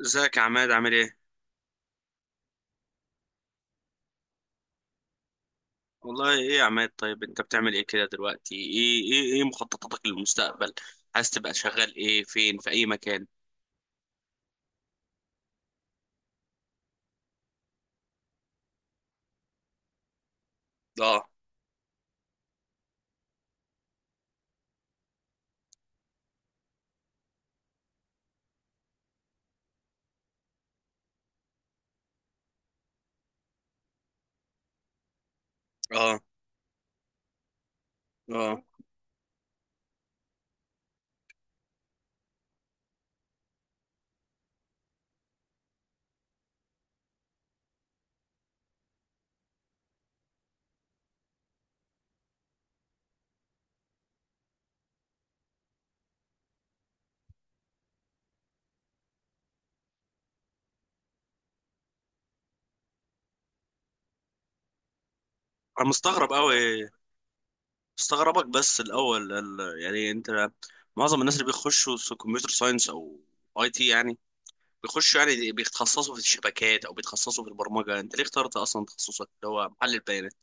ازيك يا عماد، عامل ايه؟ والله ايه يا عماد، طيب انت بتعمل ايه كده دلوقتي؟ ايه مخططاتك للمستقبل؟ عايز تبقى شغال ايه، فين، في اي مكان؟ اه اه اه. انا مستغرب قوي. مستغربك، بس الاول يعني انت، معظم الناس اللي بيخشوا كمبيوتر ساينس او اي تي يعني، بيخشوا يعني بيتخصصوا في الشبكات او بيتخصصوا في البرمجة، انت ليه اخترت اصلا تخصصك اللي هو محلل بيانات؟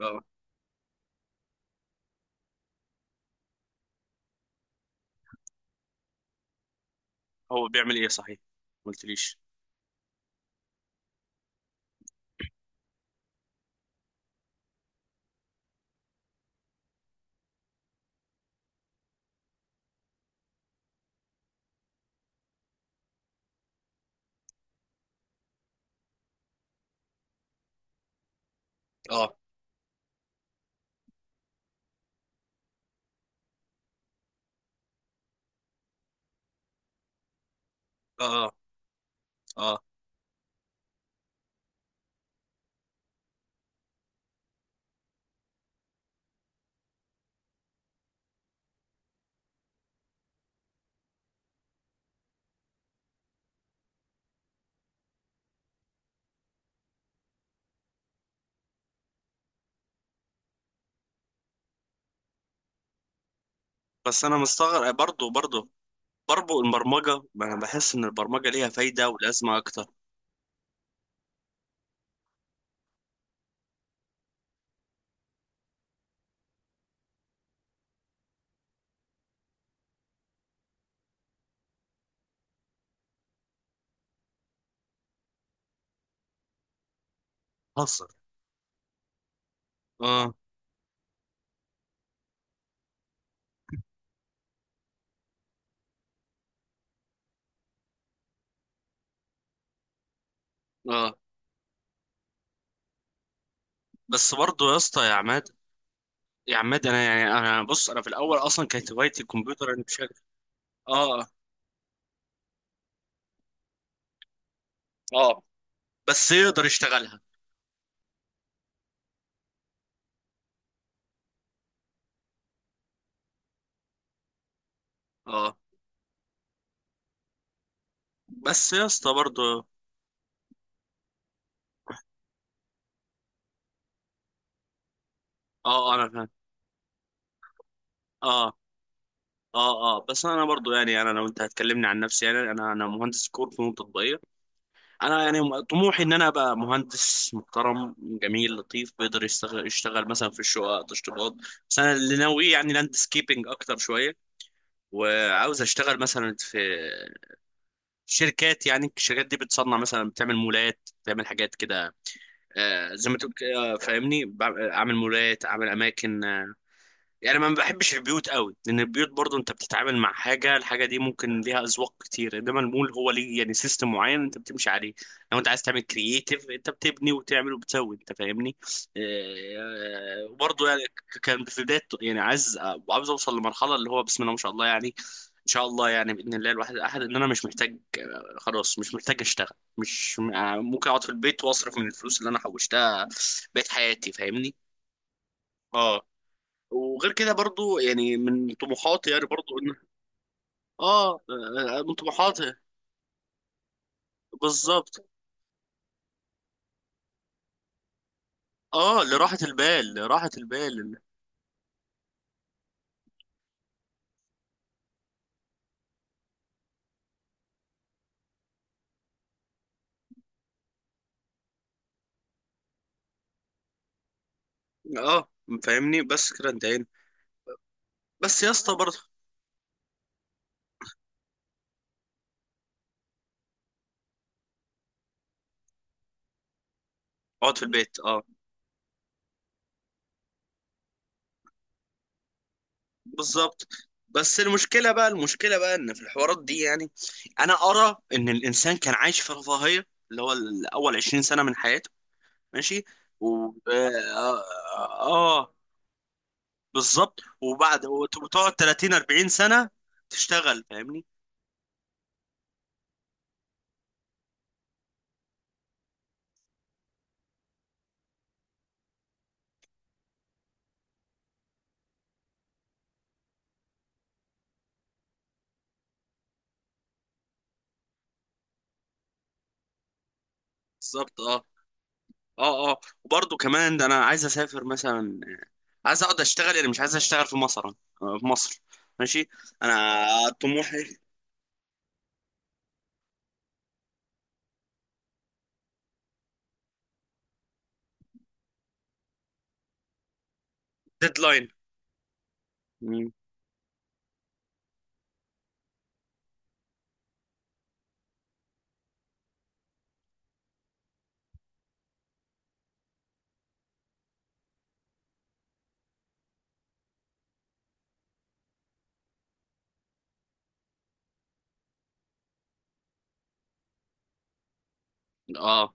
اه. هو بيعمل ايه صحيح؟ ما قلتليش. اه اه اه. بس انا مستغرب برضه برضه. برضه البرمجة، ما أنا بحس إن البرمجة ليها فايدة ولازمة أكتر. حصل. آه آه. بس برضه يا اسطى يا عماد، يا عماد، أنا يعني أنا بص، أنا في الأول أصلا كانت هوايتي الكمبيوتر، أنا بشكل… آه آه آه. بس يقدر يشتغلها. آه، بس يا اسطى برضه. آه آه، أنا فاهم. آه آه آه، بس أنا برضه يعني، أنا لو أنت هتكلمني عن نفسي، يعني أنا مهندس كور فنون تطبيقية. انا يعني طموحي ان انا ابقى مهندس محترم، جميل، لطيف، بيقدر يشتغل مثلا في الشقق تشطيبات. بس انا اللي ناوي يعني لاندسكيبنج اكتر شويه، وعاوز اشتغل مثلا في شركات، يعني الشركات دي بتصنع، مثلا بتعمل مولات، بتعمل حاجات كده. زي ما تقول كده، فاهمني، اعمل مولات، اعمل اماكن. يعني ما بحبش البيوت قوي، لان البيوت برضو انت بتتعامل مع حاجه، الحاجه دي ممكن ليها اذواق كتير، انما المول هو ليه يعني سيستم معين انت بتمشي عليه. لو انت عايز تعمل كرييتيف، انت بتبني وتعمل وبتسوي، انت فاهمني. وبرضو يعني كان في بدايه يعني عايز، عاوز اوصل لمرحله اللي هو بسم الله ما شاء الله، يعني ان شاء الله، يعني باذن الله الواحد الاحد، ان انا مش محتاج، خلاص مش محتاج اشتغل، مش ممكن اقعد في البيت واصرف من الفلوس اللي انا حوشتها بقيت حياتي، فاهمني. اه. وغير كده برضو، يعني من طموحاتي، يعني برضو ان، اه، من طموحاتي. بالظبط، اه، لراحة البال، لراحة البال. اه فاهمني، بس كده انتهينا. بس يا اسطى برضو. اقعد في البيت، اه. بالظبط. بس المشكلة بقى، ان في الحوارات دي يعني، انا ارى ان الانسان كان عايش في رفاهية، اللي هو الاول 20 سنة من حياته، ماشي، و آه آه، بالظبط. وبعد، وتقعد 30 40 سنة تشتغل، فاهمني. بالظبط، اه اه اه، وبرضه كمان، ده انا عايز اسافر مثلا، عايز اقعد اشتغل، يعني مش عايز اشتغل في مصر، في مصر، ماشي. انا طموحي… ديدلاين. مم. اه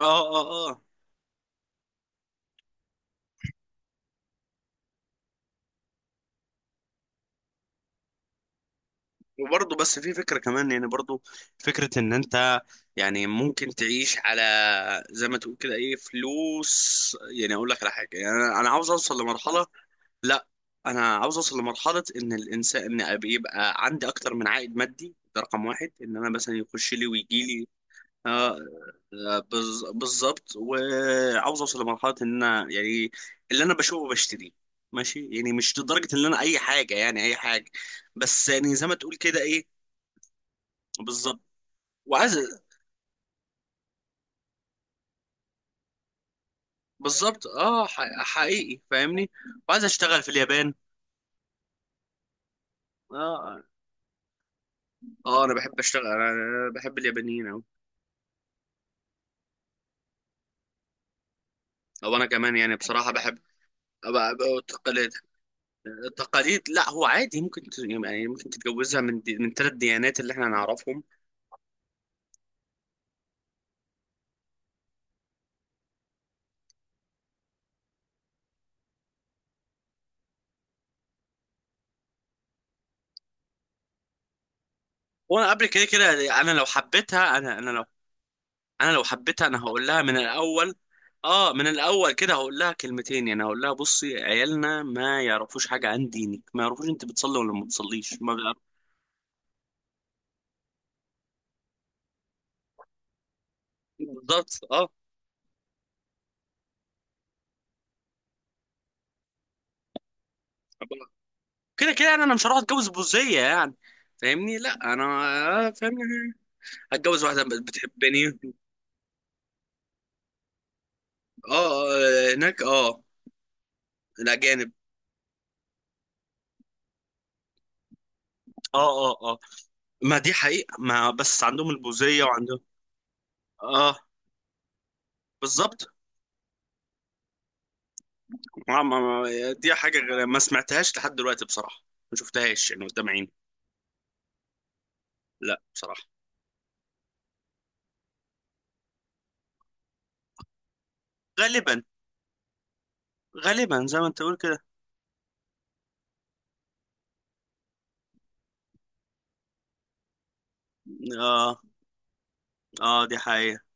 اه اه آه. وبرضه، بس في فكرة كمان يعني، برضه فكرة ان انت يعني ممكن تعيش على، زي ما تقول كده، ايه، فلوس، يعني اقول لك على حاجة، يعني انا عاوز اوصل لمرحلة، لا انا عاوز اوصل لمرحله ان الانسان، ان يبقى عندي اكتر من عائد مادي، ده رقم واحد، ان انا مثلا يخش لي ويجي لي، آه، بالظبط. وعاوز اوصل لمرحله ان انا يعني اللي انا بشوفه بشتريه، ماشي، يعني مش لدرجه ان انا اي حاجه، يعني اي حاجه. بس يعني زي ما تقول كده، إيه، بالظبط. وعايز، بالظبط، اه، حقيقي، فاهمني. وعايز اشتغل في اليابان. اه اه، انا بحب اشتغل، انا بحب اليابانيين اوي. او انا كمان يعني بصراحه بحب أبقى التقاليد، التقاليد، لا هو عادي، ممكن يعني ممكن تتجوزها من دي، من ثلاث ديانات اللي احنا نعرفهم. وانا قبل كده كده، انا لو حبيتها، انا لو حبيتها انا هقول لها من الاول. اه، من الاول كده هقول لها كلمتين، يعني هقول لها بصي، عيالنا ما يعرفوش حاجه عن دينك، ما يعرفوش انت بتصلي ولا ما بتصليش. ما، بالظبط، اه. كده كده يعني انا مش هروح اتجوز بوزية يعني. فاهمني، لا انا، فاهمني هتجوز واحدة بتحبني. اه، هناك، اه، الاجانب. اه اه اه. ما دي حقيقة، ما بس عندهم البوزية، وعندهم. اه، بالظبط. ما دي حاجة ما سمعتهاش لحد دلوقتي بصراحة، ما شفتهاش يعني قدام عيني. لا، بصراحة. غالبا. غالبا زي ما انت تقول كده. اه اه، دي حقيقة